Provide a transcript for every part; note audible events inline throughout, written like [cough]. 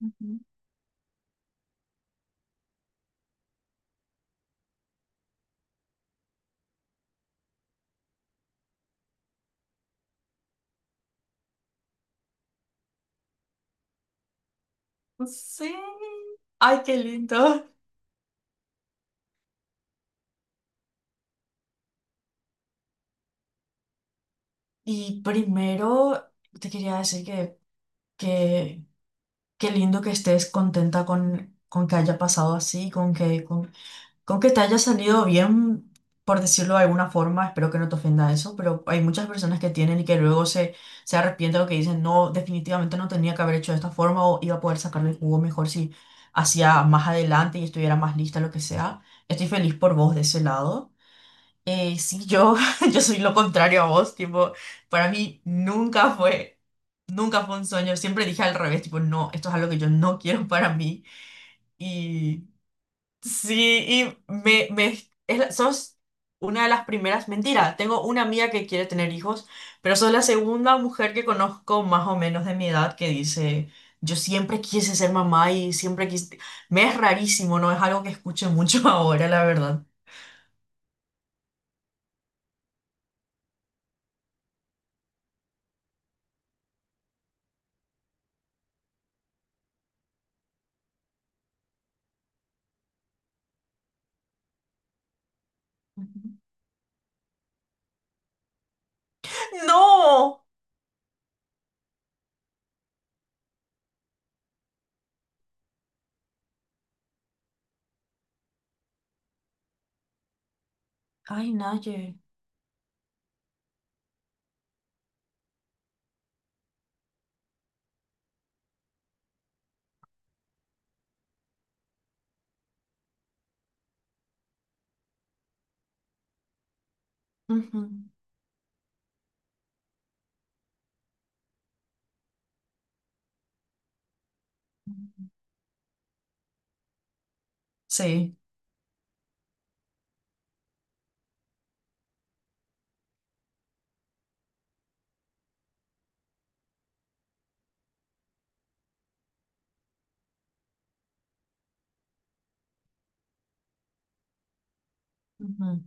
Ujú. Sí. Ay, qué lindo. Y primero te quería decir que qué lindo que estés contenta con que haya pasado así, con que te haya salido bien, por decirlo de alguna forma. Espero que no te ofenda eso, pero hay muchas personas que tienen y que luego se arrepienten o que dicen, no, definitivamente no tenía que haber hecho de esta forma o iba a poder sacarle el jugo mejor si hacía más adelante y estuviera más lista, lo que sea. Estoy feliz por vos de ese lado. Sí, [laughs] yo soy lo contrario a vos, tipo, para mí nunca fue un sueño, siempre dije al revés, tipo, no, esto es algo que yo no quiero [laughs] para mí. Y sí, y es sos una de las primeras, mentira, tengo una amiga que quiere tener hijos, pero sos la segunda mujer que conozco más o menos de mi edad que dice, yo siempre quise ser mamá y siempre quise, me es rarísimo, no es algo que escuche mucho [laughs] ahora, la verdad. [laughs] No. Ay, Naye. Ujú. Sí, ujú,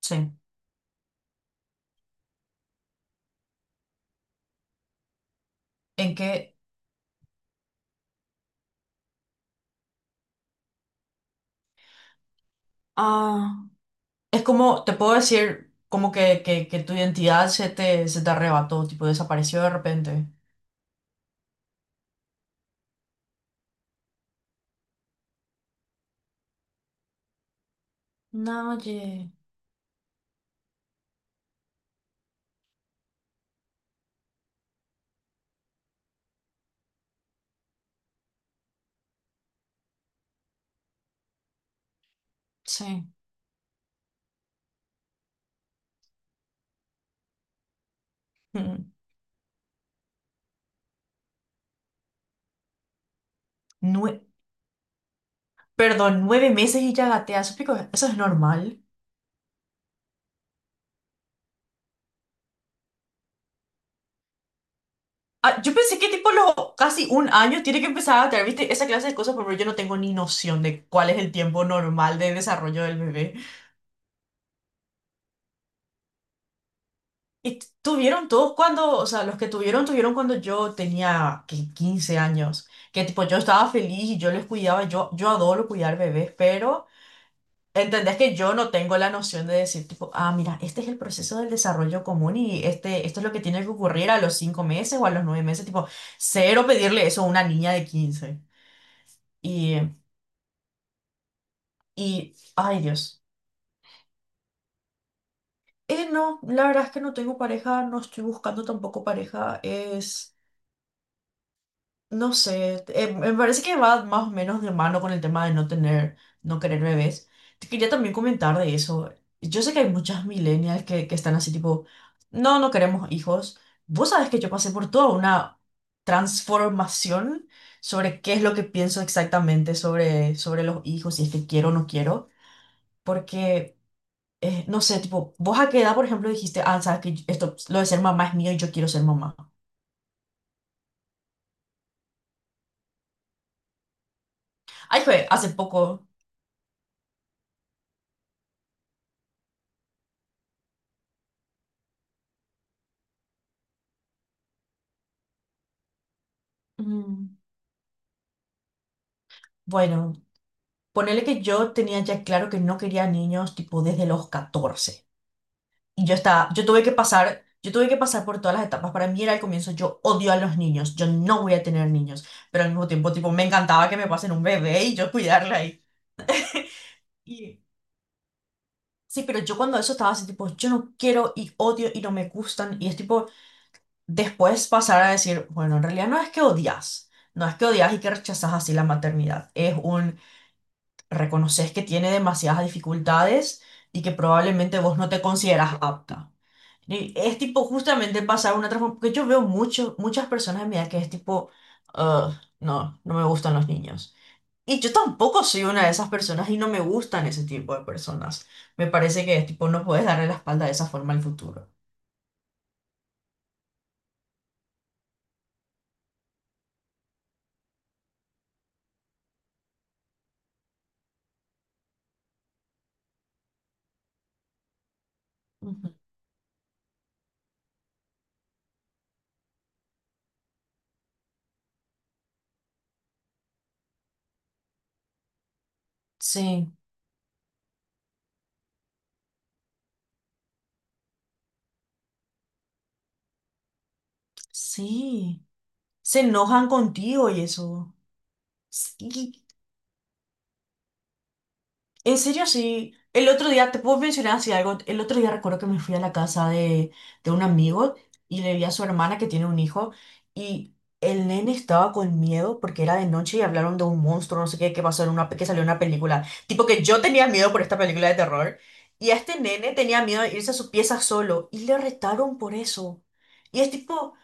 sí. ¿En qué? Ah, es como, te puedo decir, como que tu identidad se te arrebató, tipo, desapareció de repente. Naye. Sí. Ujú. Nue- Perdón, 9 meses y ya gatea, eso, eso es normal. Ah, yo pensé que tipo los casi un año tiene que empezar a gatear, ¿viste? Esa clase de cosas, pero yo no tengo ni noción de cuál es el tiempo normal de desarrollo del bebé. Y tuvieron todos cuando, o sea, los que tuvieron, tuvieron cuando yo tenía que 15 años, que tipo yo estaba feliz y yo les cuidaba, yo adoro cuidar bebés, pero entendés que yo no tengo la noción de decir tipo, ah, mira, este es el proceso del desarrollo común y este, esto es lo que tiene que ocurrir a los 5 meses o a los 9 meses, tipo, cero pedirle eso a una niña de 15. Y, Ay Dios. No, la verdad es que no tengo pareja, no estoy buscando tampoco pareja, es... No sé, me parece que va más o menos de mano con el tema de no tener, no querer bebés. Te quería también comentar de eso. Yo sé que hay muchas millennials que están así tipo, no, no queremos hijos. Vos sabés que yo pasé por toda una transformación sobre qué es lo que pienso exactamente sobre los hijos, si es que quiero o no quiero. Porque, no sé, tipo, vos a qué edad, por ejemplo, dijiste, ah, sabes que esto, lo de ser mamá es mío y yo quiero ser mamá. Ay, fue hace poco. Mm. Bueno. Ponele que yo tenía ya claro que no quería niños tipo desde los 14. Y yo estaba, yo tuve que pasar por todas las etapas. Para mí era al comienzo, yo odio a los niños, yo no voy a tener niños. Pero al mismo tiempo, tipo, me encantaba que me pasen un bebé y yo cuidarla ahí. Y sí, pero yo cuando eso estaba así, tipo, yo no quiero y odio y no me gustan. Y es tipo, después pasar a decir, bueno, en realidad no es que odias, no es que odias y que rechazas así la maternidad. Es un reconoces que tiene demasiadas dificultades y que probablemente vos no te consideras apta. Y es tipo justamente pasar una transformación, porque yo veo mucho, muchas personas de mi edad que es tipo, "Ugh, no, no me gustan los niños". Y yo tampoco soy una de esas personas y no me gustan ese tipo de personas. Me parece que tipo no puedes darle la espalda de esa forma al futuro. Ujú. Sí, sí. Se enojan contigo y eso. Sí. En serio, sí. El otro día, te puedo mencionar así algo. El otro día recuerdo que me fui a la casa de un amigo y le vi a su hermana que tiene un hijo y el nene estaba con miedo porque era de noche y hablaron de un monstruo, no sé qué, que pasó en una, que salió en una película. Tipo que yo tenía miedo por esta película de terror y a este nene tenía miedo de irse a su pieza solo y le retaron por eso. Y es tipo...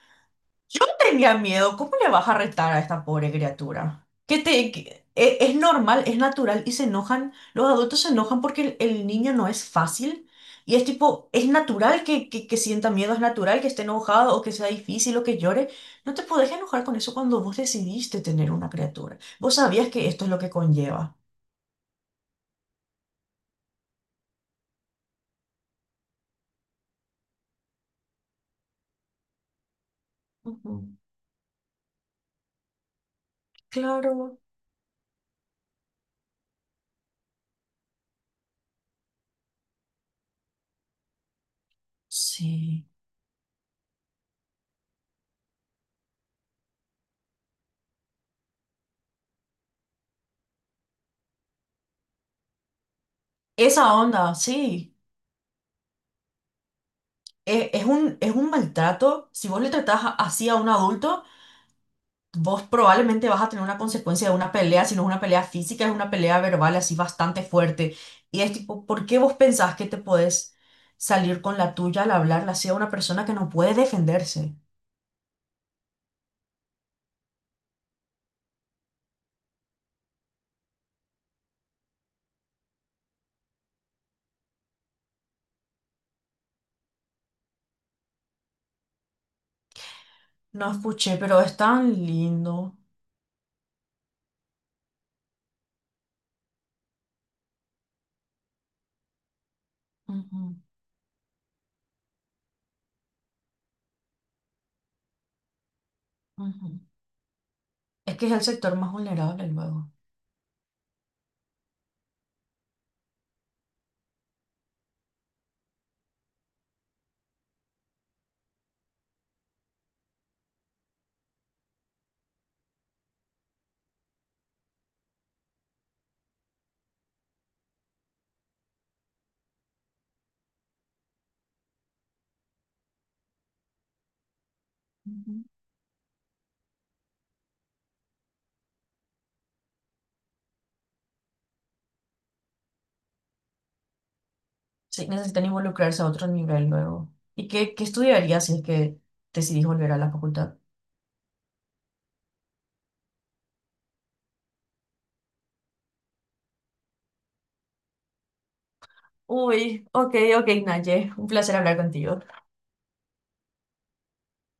Yo tenía miedo, ¿cómo le vas a retar a esta pobre criatura? Que te, que- e- Es normal, es natural y se enojan, los adultos se enojan porque el niño no es fácil y es tipo, es natural que sienta miedo, es natural que esté enojado o que sea difícil o que llore. No te podés enojar con eso cuando vos decidiste tener una criatura. Vos sabías que esto es lo que conlleva. Ujú, claro, sí. Esa onda, sí. Es es un maltrato. Si vos le tratás así a un adulto, vos probablemente vas a tener una consecuencia de una pelea, si no es una pelea física, es una pelea verbal así bastante fuerte. Y es tipo, ¿por qué vos pensás que te podés salir con la tuya al hablarla así a una persona que no puede defenderse? No escuché, pero es tan lindo. Ujú, ujú. Es que es el sector más vulnerable luego. Ujú. Sí, necesitan involucrarse a otro nivel luego. ¿Y qué estudiarías si es que decidís volver a la facultad? Uy, ok, ok, Naye, un placer hablar contigo.